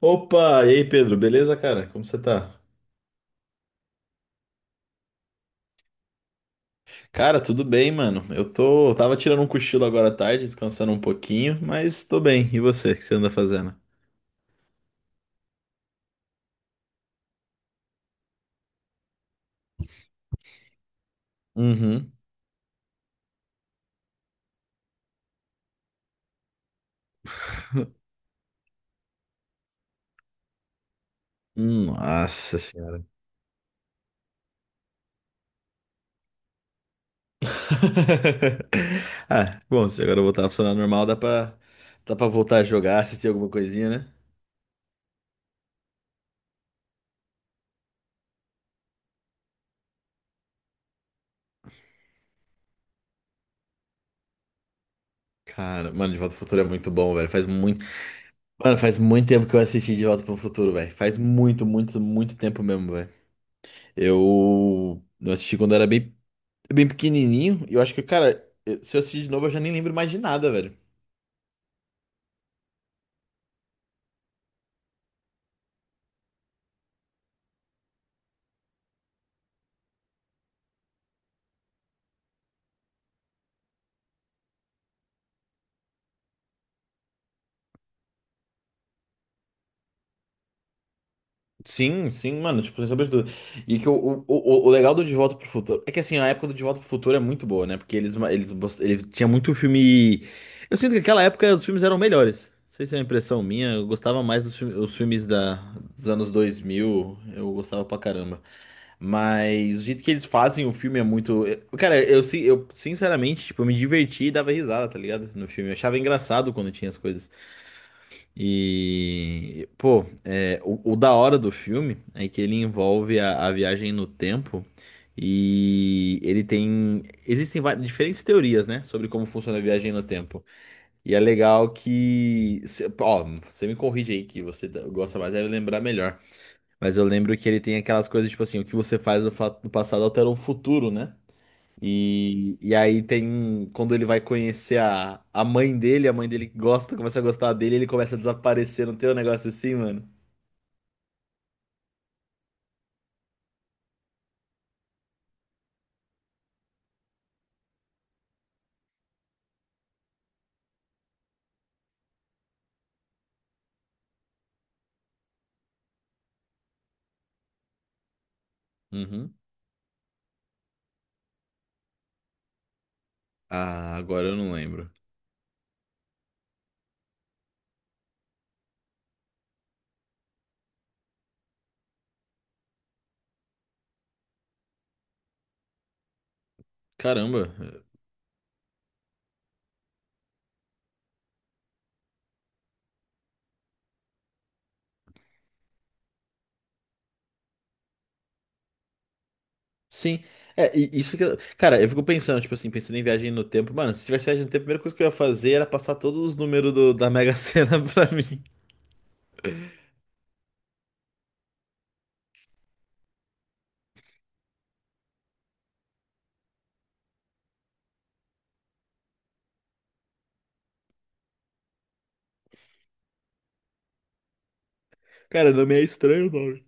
Opa, e aí Pedro, beleza, cara? Como você tá? Cara, tudo bem, mano. Eu tava tirando um cochilo agora à tarde, descansando um pouquinho, mas tô bem. E você, o que você anda fazendo? Uhum. Nossa Senhora. Ah, bom, se agora eu voltar a funcionar normal, dá pra voltar a jogar, assistir alguma coisinha, né? Cara, mano, De Volta pro Futuro é muito bom, velho. Faz muito. Mano, faz muito tempo que eu assisti De Volta pro Futuro, velho. Faz muito, muito, muito tempo mesmo, velho. Eu assisti quando eu era bem É bem pequenininho. E eu acho que, cara, se eu assistir de novo, eu já nem lembro mais de nada, velho. Sim, sim, mano, tipo, sem sombra de dúvida. E que o legal do De Volta pro Futuro é que assim, a época do De Volta pro Futuro é muito boa, né? Porque eles, ma- eles, bos- eles tinham muito filme. Eu sinto que naquela época os filmes eram melhores. Não sei se é uma impressão minha, eu gostava mais dos filmes, dos anos 2000 eu gostava pra caramba. Mas o jeito que eles fazem o filme é muito. Cara, eu sinceramente, tipo, eu me diverti e dava risada, tá ligado? No filme. Eu achava engraçado quando tinha as coisas. E, pô, é, o da hora do filme é que ele envolve a viagem no tempo e ele tem. Diferentes teorias, né, sobre como funciona a viagem no tempo. E é legal que. Ó, você me corrige aí que gosta mais, deve lembrar melhor. Mas eu lembro que ele tem aquelas coisas tipo assim: o que você faz no, no passado altera o futuro, né? E aí tem. Quando ele vai conhecer a mãe dele gosta, começa a gostar dele, ele começa a desaparecer, não tem um negócio assim, mano? Uhum. Ah, agora eu não lembro. Caramba. Sim. É, e isso que. Cara, eu fico pensando, tipo assim, pensando em viagem no tempo. Mano, se tivesse viagem no tempo, a primeira coisa que eu ia fazer era passar todos os números da Mega Sena pra mim. Cara, não me é estranho o nome.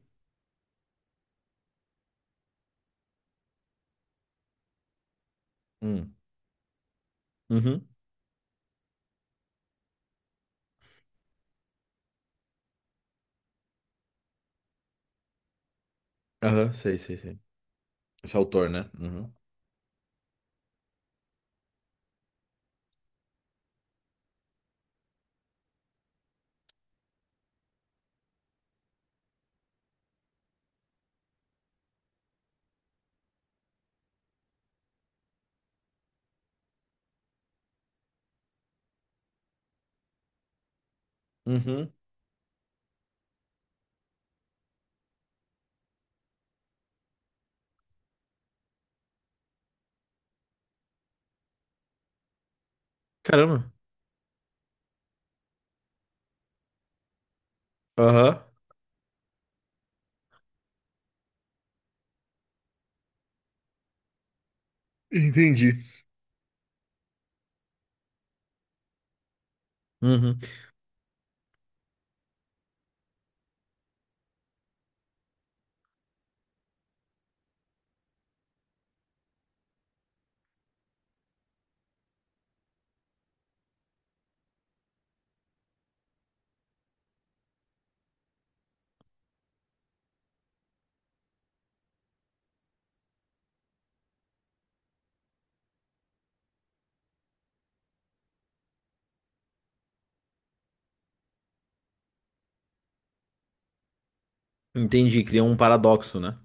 Hum. Uhum. Aham, sei, sei, sei. Esse é autor, né? Uhum. Uhum. Caramba. Aham. Entendi. Uhum. Entendi, cria um paradoxo, né?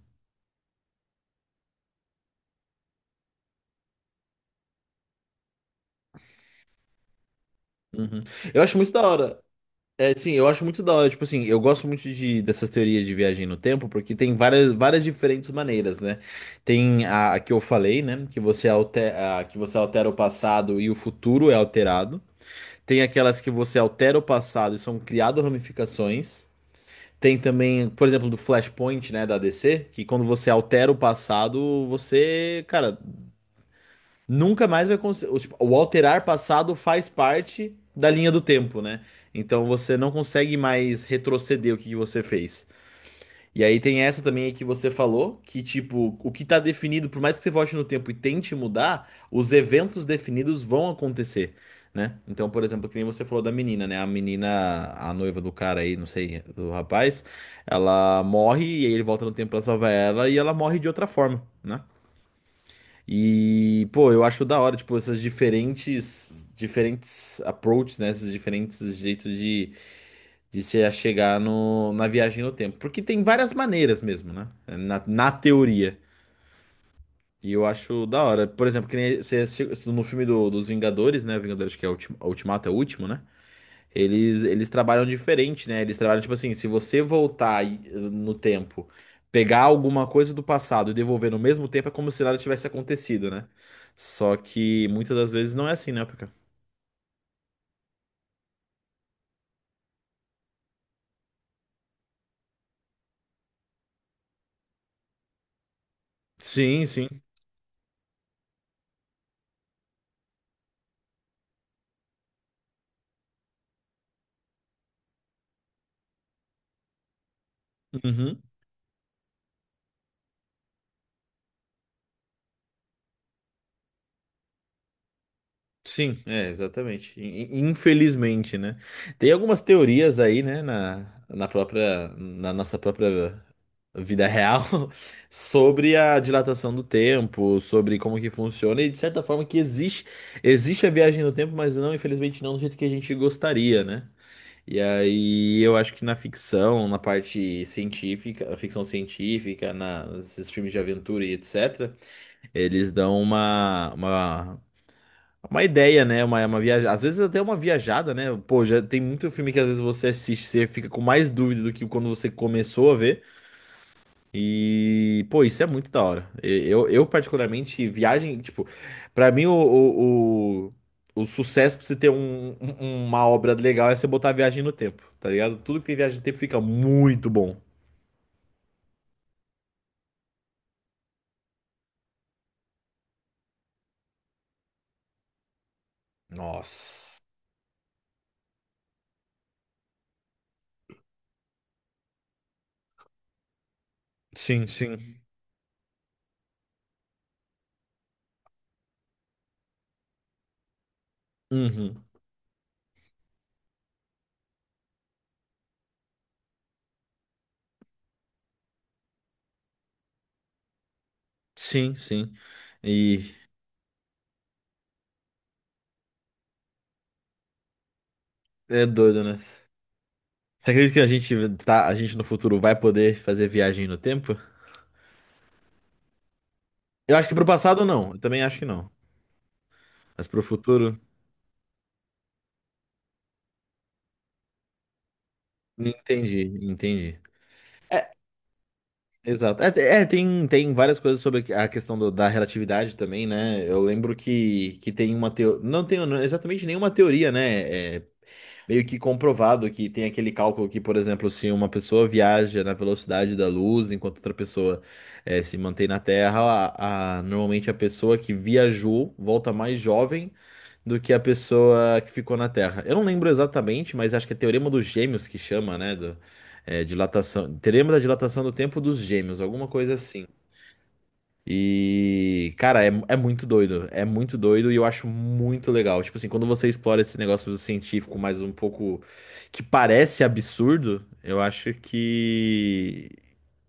Uhum. Eu acho muito da hora. É, sim, eu acho muito da hora. Tipo assim, eu gosto muito de, dessas teorias de viagem no tempo, porque tem várias, várias diferentes maneiras, né? Tem a que eu falei, né? Que você altera, que você altera o passado e o futuro é alterado. Tem aquelas que você altera o passado e são criadas ramificações. Tem também, por exemplo, do Flashpoint, né, da DC, que quando você altera o passado, você, cara, nunca mais vai conseguir. Tipo, o alterar passado faz parte da linha do tempo, né? Então você não consegue mais retroceder o que que você fez. E aí tem essa também aí que você falou, que tipo, o que tá definido, por mais que você volte no tempo e tente mudar, os eventos definidos vão acontecer, né? Então, por exemplo, que nem você falou da menina, né? A menina, a noiva do cara aí, não sei, do rapaz, ela morre e aí ele volta no tempo pra salvar ela e ela morre de outra forma, né? E, pô, eu acho da hora, tipo, essas diferentes approaches, né? Esses diferentes jeitos de se chegar no, na viagem no tempo. Porque tem várias maneiras mesmo, né? Na teoria. E eu acho da hora. Por exemplo, que nem você, no filme dos Vingadores, né? Vingadores que é o Ultimato, é o último, né? Eles trabalham diferente, né? Eles trabalham tipo assim, se você no tempo, pegar alguma coisa do passado e devolver no mesmo tempo, é como se nada tivesse acontecido, né? Só que muitas das vezes não é assim, né, Pika? Sim, sim. Uhum. Sim, é, exatamente. Infelizmente, né? Tem algumas teorias aí, né, na própria, na nossa própria vida real sobre a dilatação do tempo, sobre como que funciona e de certa forma que existe, existe a viagem no tempo, mas não, infelizmente não do jeito que a gente gostaria, né? E aí eu acho que na ficção, na parte científica, a ficção científica, nesses filmes de aventura e etc, eles dão uma ideia, né? Uma viaja... Às vezes até uma viajada, né? Pô, já tem muito filme que às vezes você assiste, você fica com mais dúvida do que quando você começou a ver. E, pô, isso é muito da hora. Eu particularmente, viagem, tipo, pra mim o sucesso pra você ter uma obra legal é você botar viagem no tempo, tá ligado? Tudo que tem viagem no tempo fica muito bom. Nossa. Sim, sim. Uhum. Sim, sim. E é doido, né? Você acredita que a gente no futuro vai poder fazer viagem no tempo? Eu acho que pro passado não, eu também acho que não. Mas pro futuro, entendi, entendi. É, exato. Tem, tem várias coisas sobre a da relatividade também, né? Eu lembro que tem uma teoria. Não tenho não, exatamente nenhuma teoria, né? Meio que comprovado que tem aquele cálculo que, por exemplo, se uma pessoa viaja na velocidade da luz enquanto outra pessoa se mantém na Terra, normalmente a pessoa que viajou volta mais jovem do que a pessoa que ficou na Terra. Eu não lembro exatamente, mas acho que é Teorema dos Gêmeos que chama, né? Do, dilatação, Teorema da dilatação do tempo dos gêmeos, alguma coisa assim. E, cara, é muito doido. É muito doido e eu acho muito legal. Tipo assim, quando você explora esse negócio científico mais um pouco que parece absurdo, eu acho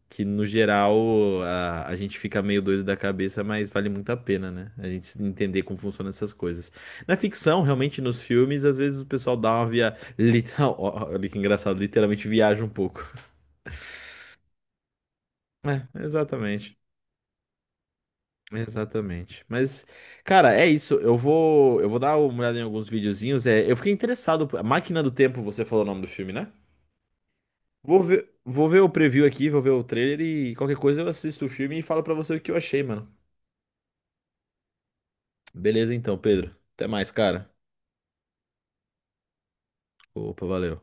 que no geral, a gente fica meio doido da cabeça, mas vale muito a pena, né? A gente entender como funcionam essas coisas. Na ficção, realmente, nos filmes, às vezes o pessoal dá uma via. Literal... Olha que engraçado, literalmente viaja um pouco. É, exatamente. Exatamente. Mas, cara, é isso. Eu vou dar uma olhada em alguns videozinhos. É, eu fiquei interessado. A Máquina do Tempo, você falou o nome do filme, né? Vou ver o preview aqui, vou ver o trailer e qualquer coisa eu assisto o filme e falo pra você o que eu achei, mano. Beleza então, Pedro. Até mais, cara. Opa, valeu.